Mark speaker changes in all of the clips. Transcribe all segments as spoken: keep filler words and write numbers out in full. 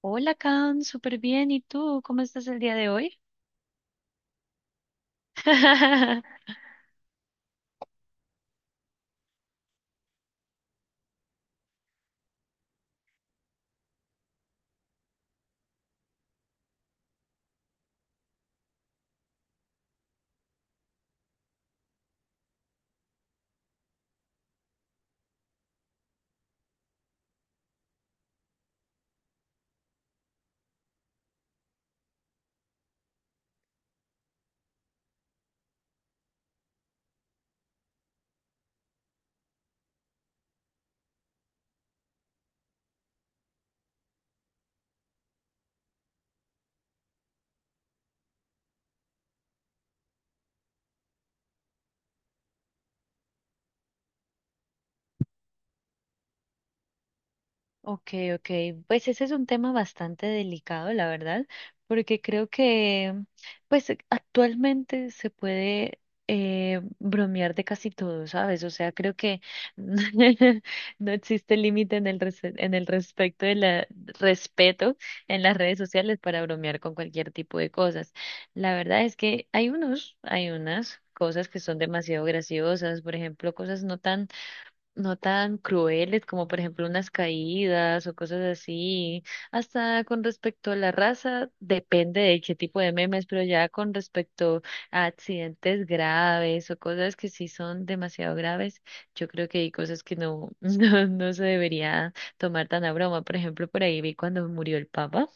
Speaker 1: Hola, Can, súper bien. ¿Y tú? ¿Cómo estás el día de hoy? Ok, ok. Pues ese es un tema bastante delicado, la verdad, porque creo que, pues actualmente se puede eh, bromear de casi todo, ¿sabes? O sea, creo que no existe límite en el rese- en el respecto de la respeto en las redes sociales para bromear con cualquier tipo de cosas. La verdad es que hay unos, hay unas cosas que son demasiado graciosas, por ejemplo, cosas no tan no tan crueles como por ejemplo unas caídas o cosas así. Hasta con respecto a la raza, depende de qué tipo de memes, pero ya con respecto a accidentes graves o cosas que sí son demasiado graves, yo creo que hay cosas que no, no, no se debería tomar tan a broma. Por ejemplo, por ahí vi cuando murió el Papa.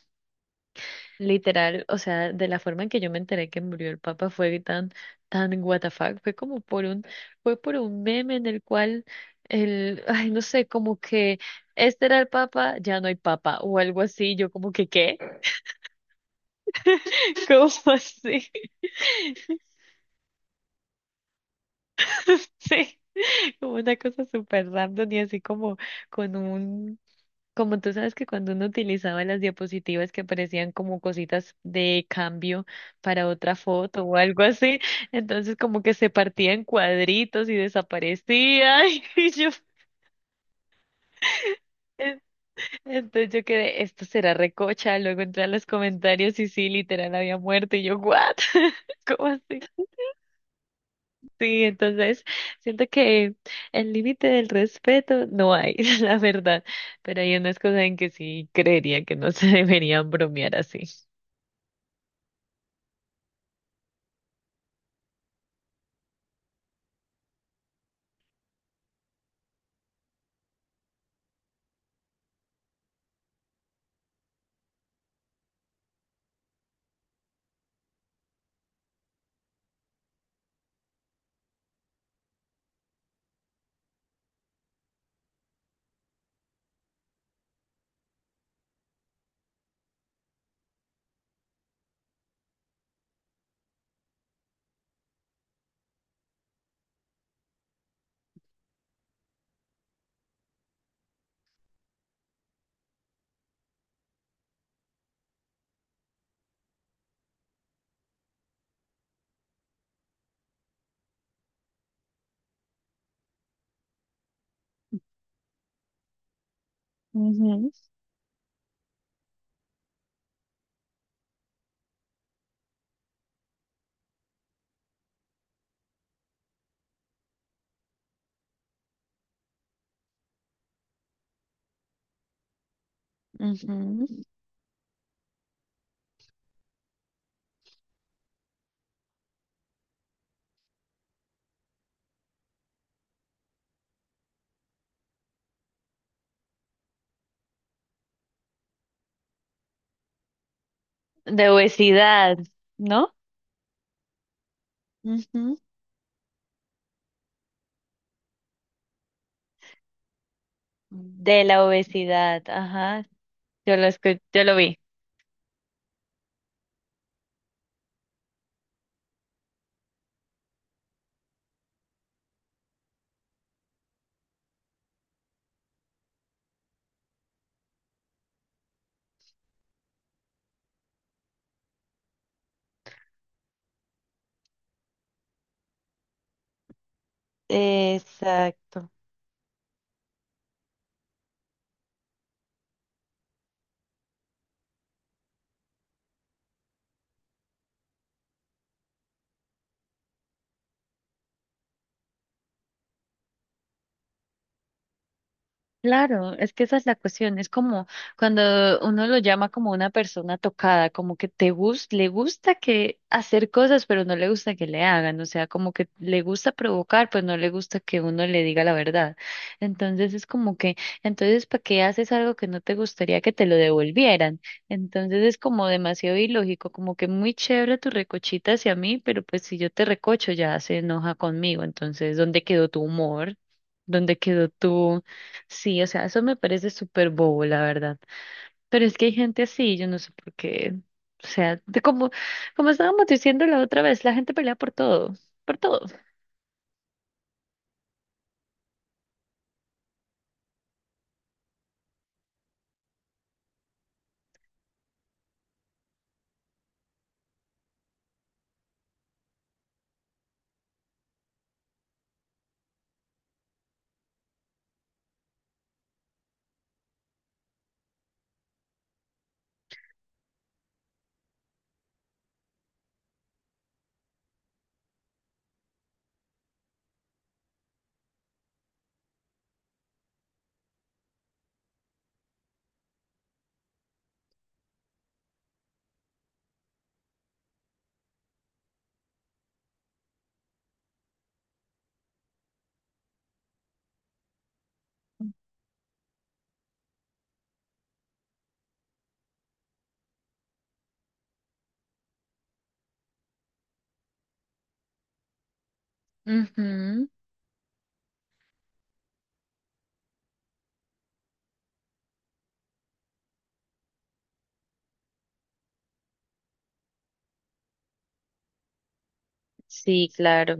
Speaker 1: Literal, o sea, de la forma en que yo me enteré que murió el Papa fue tan, tan what the fuck, fue como por un, fue por un meme en el cual el, ay, no sé, como que este era el Papa, ya no hay Papa, o algo así, yo como que, ¿qué? ¿Cómo así? Sí, como una cosa súper random y así como con un. Como tú sabes que cuando uno utilizaba las diapositivas que parecían como cositas de cambio para otra foto o algo así, entonces como que se partía en cuadritos y desaparecía. Y yo, en- entonces yo quedé, esto será recocha. Luego entré a los comentarios y sí, literal había muerto. Y yo, ¿what? ¿Cómo así? Sí, entonces siento que el límite del respeto no hay, la verdad. Pero hay unas cosas en que sí creería que no se deberían bromear así. Ujú, ujú. De obesidad, ¿no? Ujú. De la obesidad, ajá. Yo lo escu- yo lo vi. Exacto. Claro, es que esa es la cuestión, es como cuando uno lo llama como una persona tocada, como que te gus- le gusta que hacer cosas, pero no le gusta que le hagan, o sea, como que le gusta provocar, pues no le gusta que uno le diga la verdad. Entonces es como que, entonces, ¿para qué haces algo que no te gustaría que te lo devolvieran? Entonces es como demasiado ilógico, como que muy chévere tu recochita hacia mí, pero pues si yo te recocho ya se enoja conmigo, entonces, ¿dónde quedó tu humor? ¿Dónde quedó tú? Sí, o sea, eso me parece súper bobo, la verdad. Pero es que hay gente así, yo no sé por qué. O sea, de como, como estábamos diciendo la otra vez, la gente pelea por todo, por todo. Ujú. Sí, claro,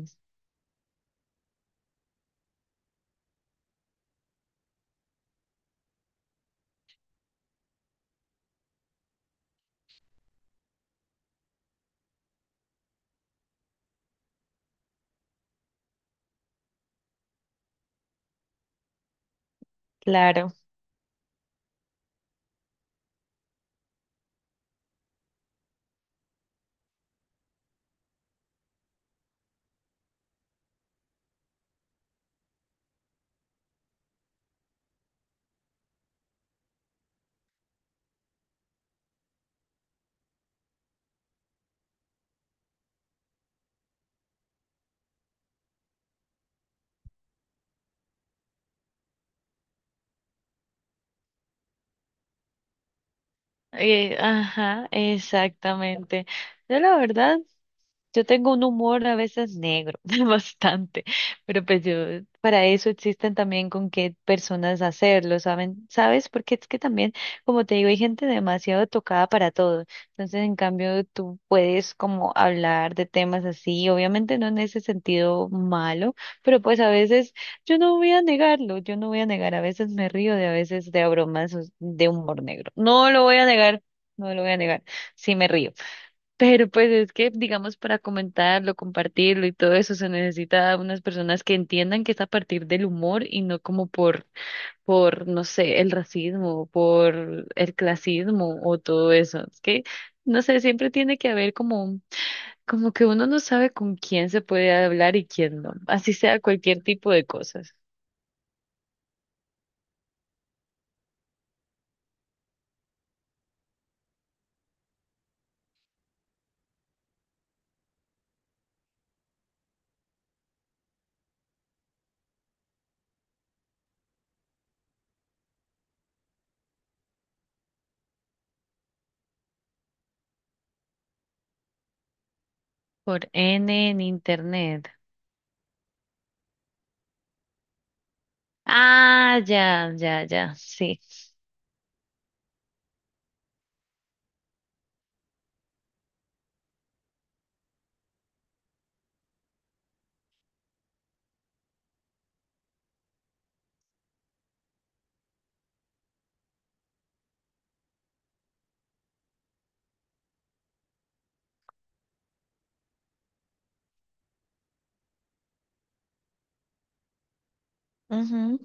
Speaker 1: claro. Eh, ajá, exactamente. Yo la verdad. Yo tengo un humor a veces negro, bastante, pero pues yo, para eso existen también con qué personas hacerlo, ¿saben? ¿Sabes? Porque es que también, como te digo, hay gente demasiado tocada para todo. Entonces, en cambio, tú puedes como hablar de temas así, obviamente no en ese sentido malo, pero pues a veces yo no voy a negarlo, yo no voy a negar, a veces me río de a veces de bromas de humor negro. No lo voy a negar, no lo voy a negar, sí me río. Pero pues es que, digamos, para comentarlo, compartirlo y todo eso, se necesita unas personas que entiendan que es a partir del humor y no como por, por, no sé, el racismo, por el clasismo o todo eso. Es que, no sé, siempre tiene que haber como, como que uno no sabe con quién se puede hablar y quién no. Así sea cualquier tipo de cosas. Por N en internet. Ah, ya, ya, ya, sí. Ujú.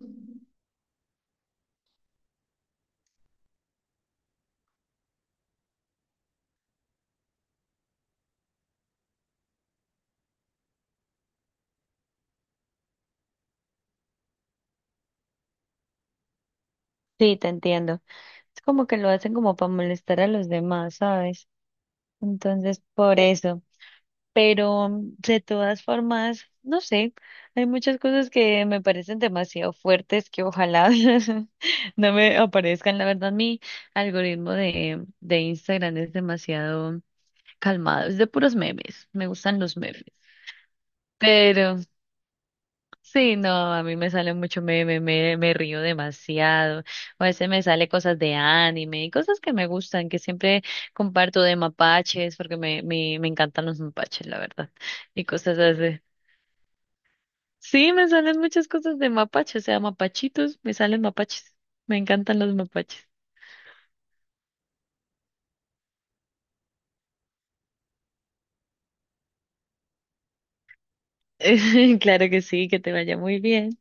Speaker 1: Sí, te entiendo. Es como que lo hacen como para molestar a los demás, ¿sabes? Entonces, por eso. Pero mm, de todas formas, no sé, hay muchas cosas que me parecen demasiado fuertes que ojalá no me aparezcan. La verdad, mi algoritmo de, de Instagram es demasiado calmado, es de puros memes, me gustan los memes. Pero sí, no, a mí me sale mucho, me, me, me, me río demasiado. A veces me sale cosas de anime y cosas que me gustan, que siempre comparto de mapaches, porque me, me, me encantan los mapaches, la verdad. Y cosas así. Sí, me salen muchas cosas de mapaches, o sea, mapachitos, me salen mapaches. Me encantan los mapaches. Claro que sí, que te vaya muy bien.